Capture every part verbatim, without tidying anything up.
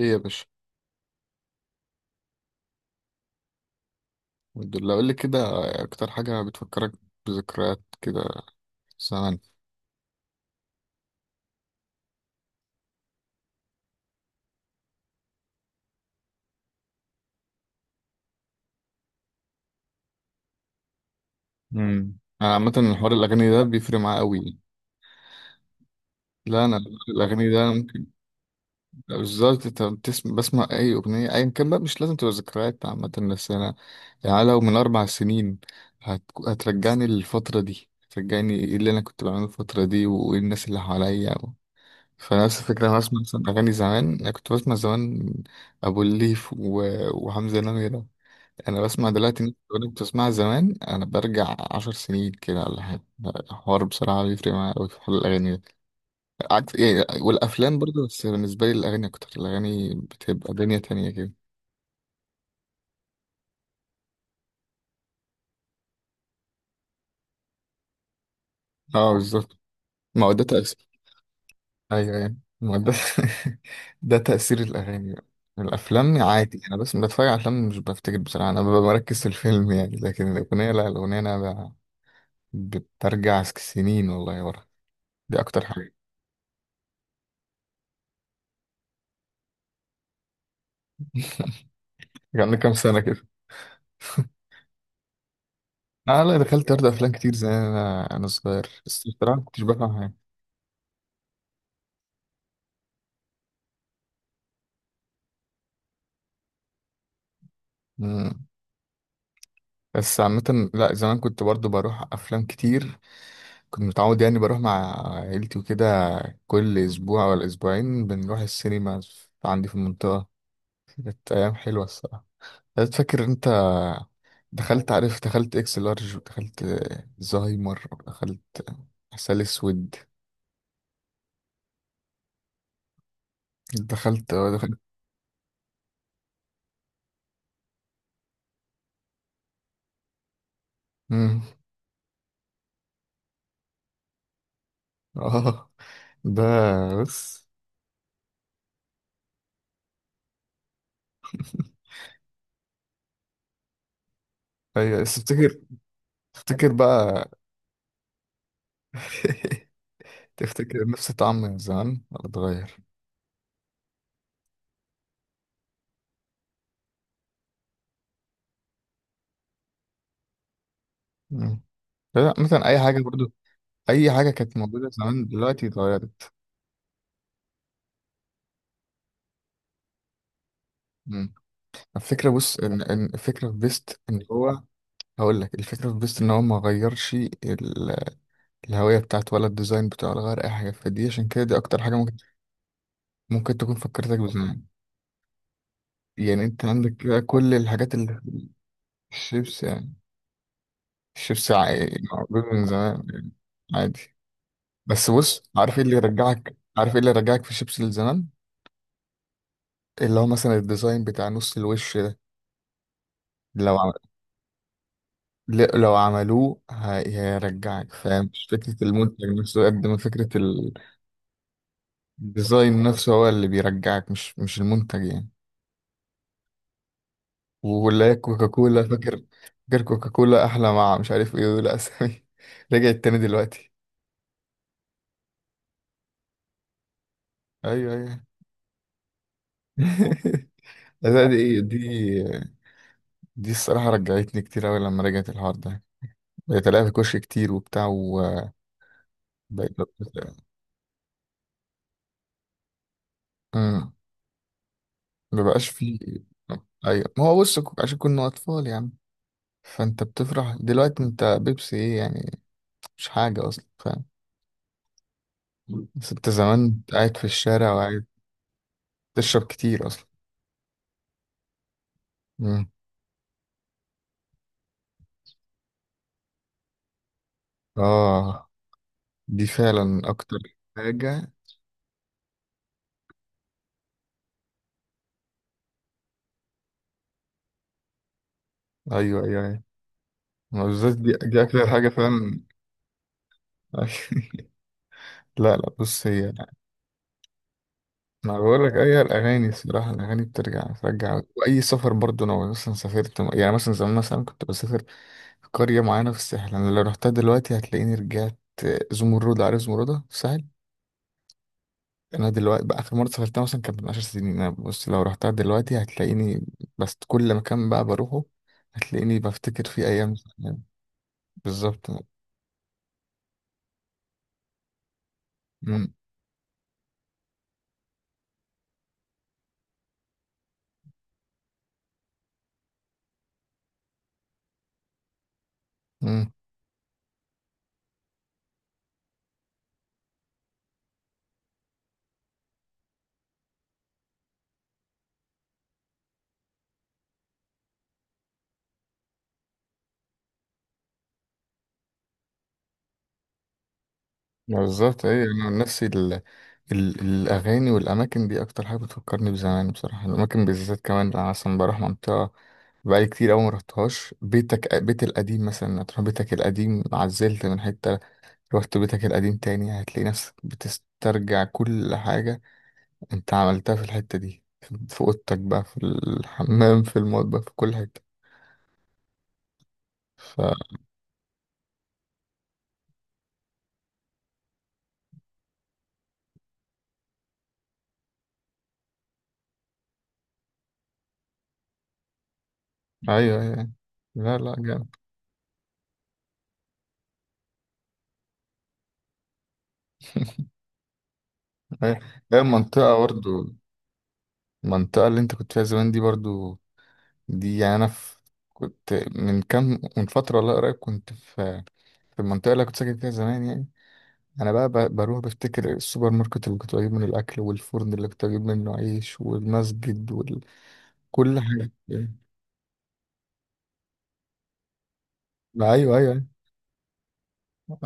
ايه يا باشا. الحمد لله، قول لي كده. اكتر حاجه بتفكرك بذكريات كده زمان؟ امم انا عامه الحوار الاغاني ده بيفرق معايا قوي. لا، انا الاغاني ده ممكن بالظبط. انت بتسمع، بسمع اي اغنيه ايا كان بقى، مش لازم تبقى ذكريات عامه. بس انا يعني لو من اربع سنين هت... هترجعني للفتره دي، هترجعني ايه اللي انا كنت بعمله الفتره دي وايه الناس اللي حواليا و... فنفس الفكره. انا بسمع مثلا اغاني زمان، انا كنت بسمع زمان ابو الليف و... وحمزه نمره. انا بسمع دلوقتي ناس بتقول كنت بسمعها زمان، انا برجع عشر سنين كده ولا حاجه. الحوار بصراحه بيفرق معايا قوي في حوار الاغاني ده. عكس إيه، والافلام برضه، بس بالنسبه لي الاغاني اكتر. الاغاني بتبقى دنيا تانية كده. اه بالظبط، ما هو ده تاثير. ايوه ايوه، ما هو ده ده تاثير الاغاني بقى. الافلام عادي، انا بس بتفرج على افلام مش بفتكر بصراحه، انا ببقى مركز في الفيلم يعني. لكن الاغنيه لا، الاغنيه انا ب- بترجع سنين والله ورا. دي اكتر حاجه. يعني كام سنه كده؟ اه لا، دخلت ارض افلام كتير زمان، انا انا صغير بس بصراحه ما كنتش بفهم حاجه. مم. بس عامه لا، زمان كنت برضو بروح افلام كتير. كنت متعود يعني بروح مع عيلتي وكده. كل اسبوع ولا اسبوعين بنروح السينما عندي في المنطقه. كانت ايام حلوه الصراحه. أنا فاكر انت دخلت. عارف، دخلت اكس لارج، ودخلت زهايمر، ودخلت عسل اسود. دخلت، اه دخلت. مم. اه ده بس ايوه بس تفتكر، تفتكر بقى تفتكر نفس الطعم من زمان ولا اتغير؟ مم. لا مثلا اي حاجه برضو، اي حاجه كانت موجوده زمان دلوقتي اتغيرت. مم. الفكره بص ان، إن الفكره في بيست ان هو، هقول لك الفكره في بيست ان هو ما غيرش ال- الهويه بتاعته ولا الديزاين بتاعه ولا غير اي حاجه. فدي عشان كده دي اكتر حاجه ممكن، ممكن تكون فكرتك بزمان. يعني انت عندك كده كل الحاجات اللي، الشيبس يعني. الشيبس ع- موجود من زمان يعني، عادي. بس بص، عارف ايه اللي يرجعك، عارف ايه اللي يرجعك في الشيبس لزمان؟ اللي هو مثلا الديزاين بتاع نص الوش ده. لو عم... ل- لو عملوه هي- هيرجعك. فاهم، مش فكرة المنتج نفسه قد ما فكرة الديزاين نفسه، هو اللي بيرجعك، مش مش المنتج يعني. واللي هي كوكاكولا، فاكر؟ فاكر كوكاكولا أحلى مع مش عارف إيه، دول أسامي رجعت تاني دلوقتي. أيوه أيوه لا، دي إيه دي؟ دي الصراحة رجعتني كتير أوي لما رجعت الحوار ده، بقيت ألاقيها في كوش كتير وبتاع وبقيت. أمم. ما بقاش فيه. ايوه، ما هو بص ك- عشان كنا اطفال يعني. فانت بتفرح دلوقتي، انت بيبسي ايه يعني، مش حاجه اصلا. فاهم؟ بس انت زمان قاعد في الشارع وقاعد تشرب كتير اصلا. مم. اه دي فعلا اكتر حاجه. ايوه ايوه ايوه، ما بالذات، دي دي اكتر حاجه فعلا. لا لا بص هي، انا بقول لك اي الاغاني الصراحه، الاغاني بترجع بترجع واي سفر برضو، انا مثلا سافرت يعني، مثلا زمان مثلا كنت بسافر في قريه معينه في الساحل. انا لو رحتها دلوقتي هتلاقيني رجعت. زمرد، عارف زمردة في الساحل؟ انا دلوقتي بقى، اخر مره سافرتها مثلا كانت من عشر سنين. انا بص لو رحتها دلوقتي هتلاقيني، بس كل مكان بقى بروحه هتلاقيني بفتكر فيه ايام زمان. بالظبط. مم. مم. بالظبط ايه، انا عن نفسي ال... ال... الاغاني والاماكن دي اكتر حاجه بتفكرني بزمان. بصراحه الاماكن بالذات كمان، انا مثلا بروح منطقه بقالي كتير قوي ما رحتهاش. بيتك، بيت القديم مثلا، تروح بيتك القديم، عزلت من حته رحت بيتك القديم تاني هتلاقي نفسك بتسترجع كل حاجه انت عملتها في الحته دي، في اوضتك بقى، في الحمام، في المطبخ، في كل حته ف. ايوه ايوه، لا لا جامد. أيوة. هي المنطقه برضو، المنطقة اللي انت كنت فيها زمان دي برضو، دي يعني انا في، كنت من كام من فتره، لا قريب كنت في في المنطقه اللي كنت ساكن فيها زمان يعني. انا بقى ب- بروح بفتكر السوبر ماركت اللي كنت بجيب منه الاكل، والفرن اللي كنت بجيب منه عيش، والمسجد، وكل حاجه. ما ايوه ايوه أيوة. بس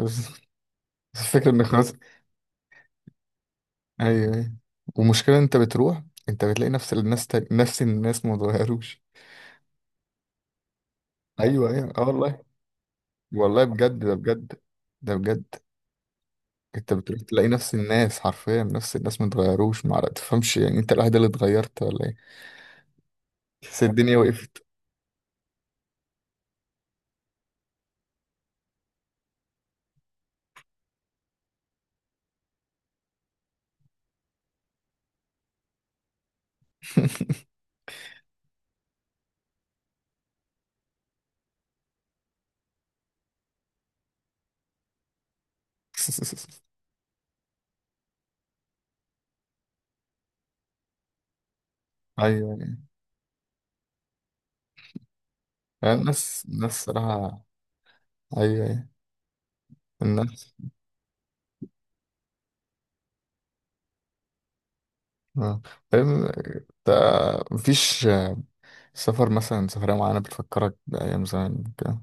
بس الفكره ان خلاص. ايوه ايوه. ومشكله انت بتروح، انت بتلاقي نفس الناس تاني. نفس الناس ما اتغيروش. ايوه ايوه اه والله. والله بجد، ده بجد، ده بجد. انت بتروح تلاقي نفس الناس حرفيا، نفس الناس ما اتغيروش. ما عرف- تفهمش يعني انت الوحيد اللي اتغيرت ولا ايه؟ بس الدنيا وقفت. ايوه ايوه يعني الناس الناس صراحة. ايوه ايوه. الناس، اه فاهم انت. مفيش آه، سفر مثلا، سفرية معينة بتفكرك بأيام زمان كده؟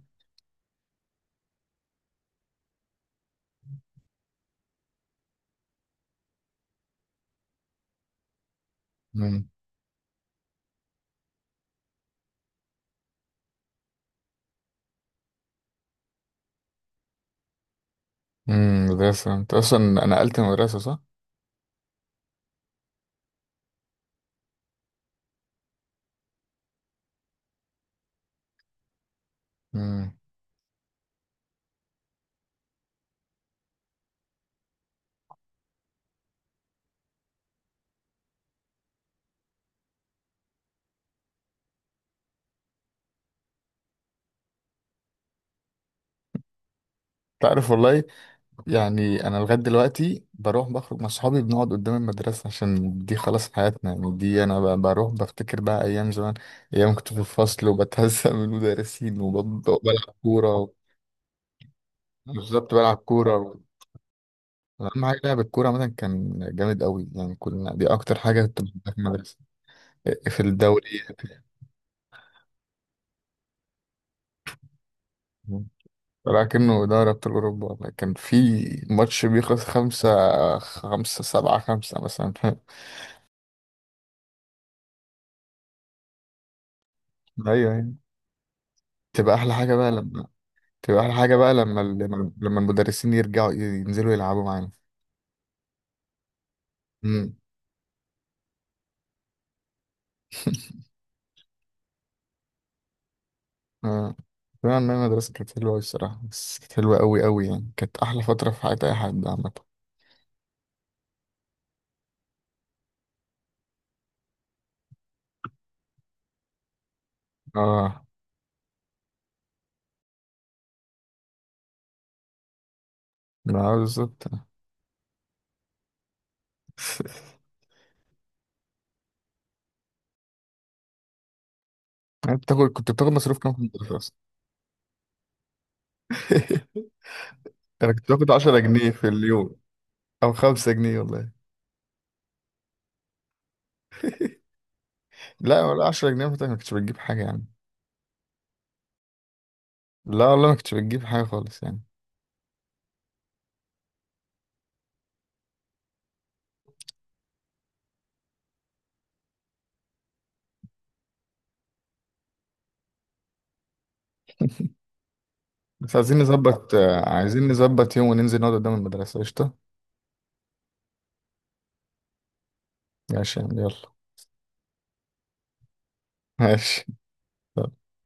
امم. مدرسة، انت اصلا نقلت مدرسة صح؟ امم. تعرف والله، يعني انا لغايه دلوقتي بروح بخرج مع صحابي بنقعد قدام المدرسه، عشان دي خلاص حياتنا يعني. دي انا ب- بروح بفتكر بقى ايام زمان، ايام كنت في الفصل وبتهزق من المدرسين وب- وبلعب كوره. بالظبط بلعب كوره. اهم حاجه لعب الكوره مثلا كان جامد قوي يعني. كنا، دي اكتر حاجه كنت بحبها في المدرسه، في الدوري. لكنه دوري ابطال اوروبا والله، كان في ماتش بيخلص خمسة خمسة، سبعة خمسة مثلا ايوه أيوة. تبقى احلى حاجه بقى لما تبقى احلى حاجه بقى لما ال... لما المدرسين يرجعوا ينزلوا يلعبوا معانا. امم. اه فعلا إن المدرسه كانت حلوه أوي الصراحه. بس كانت حلوه قوي قوي يعني. كانت احلى فتره في حياه اي حد عامه. اه ما هو بالظبط. انت بتاخد، كنت بتاخد مصروف كام في المدرسه اصلا؟ انا كنت باخد عشرة جنيه في اليوم، او خمسة جنيه والله. لا، ولا عشرة جنيه مثلا ما كنتش بتجيب حاجه يعني. لا والله ما كنتش بتجيب حاجه خالص يعني. بس عايزين نظبط، آه، عايزين نظبط يوم وننزل نقعد قدام المدرسه قشطه. ماشي يلا. ماشي.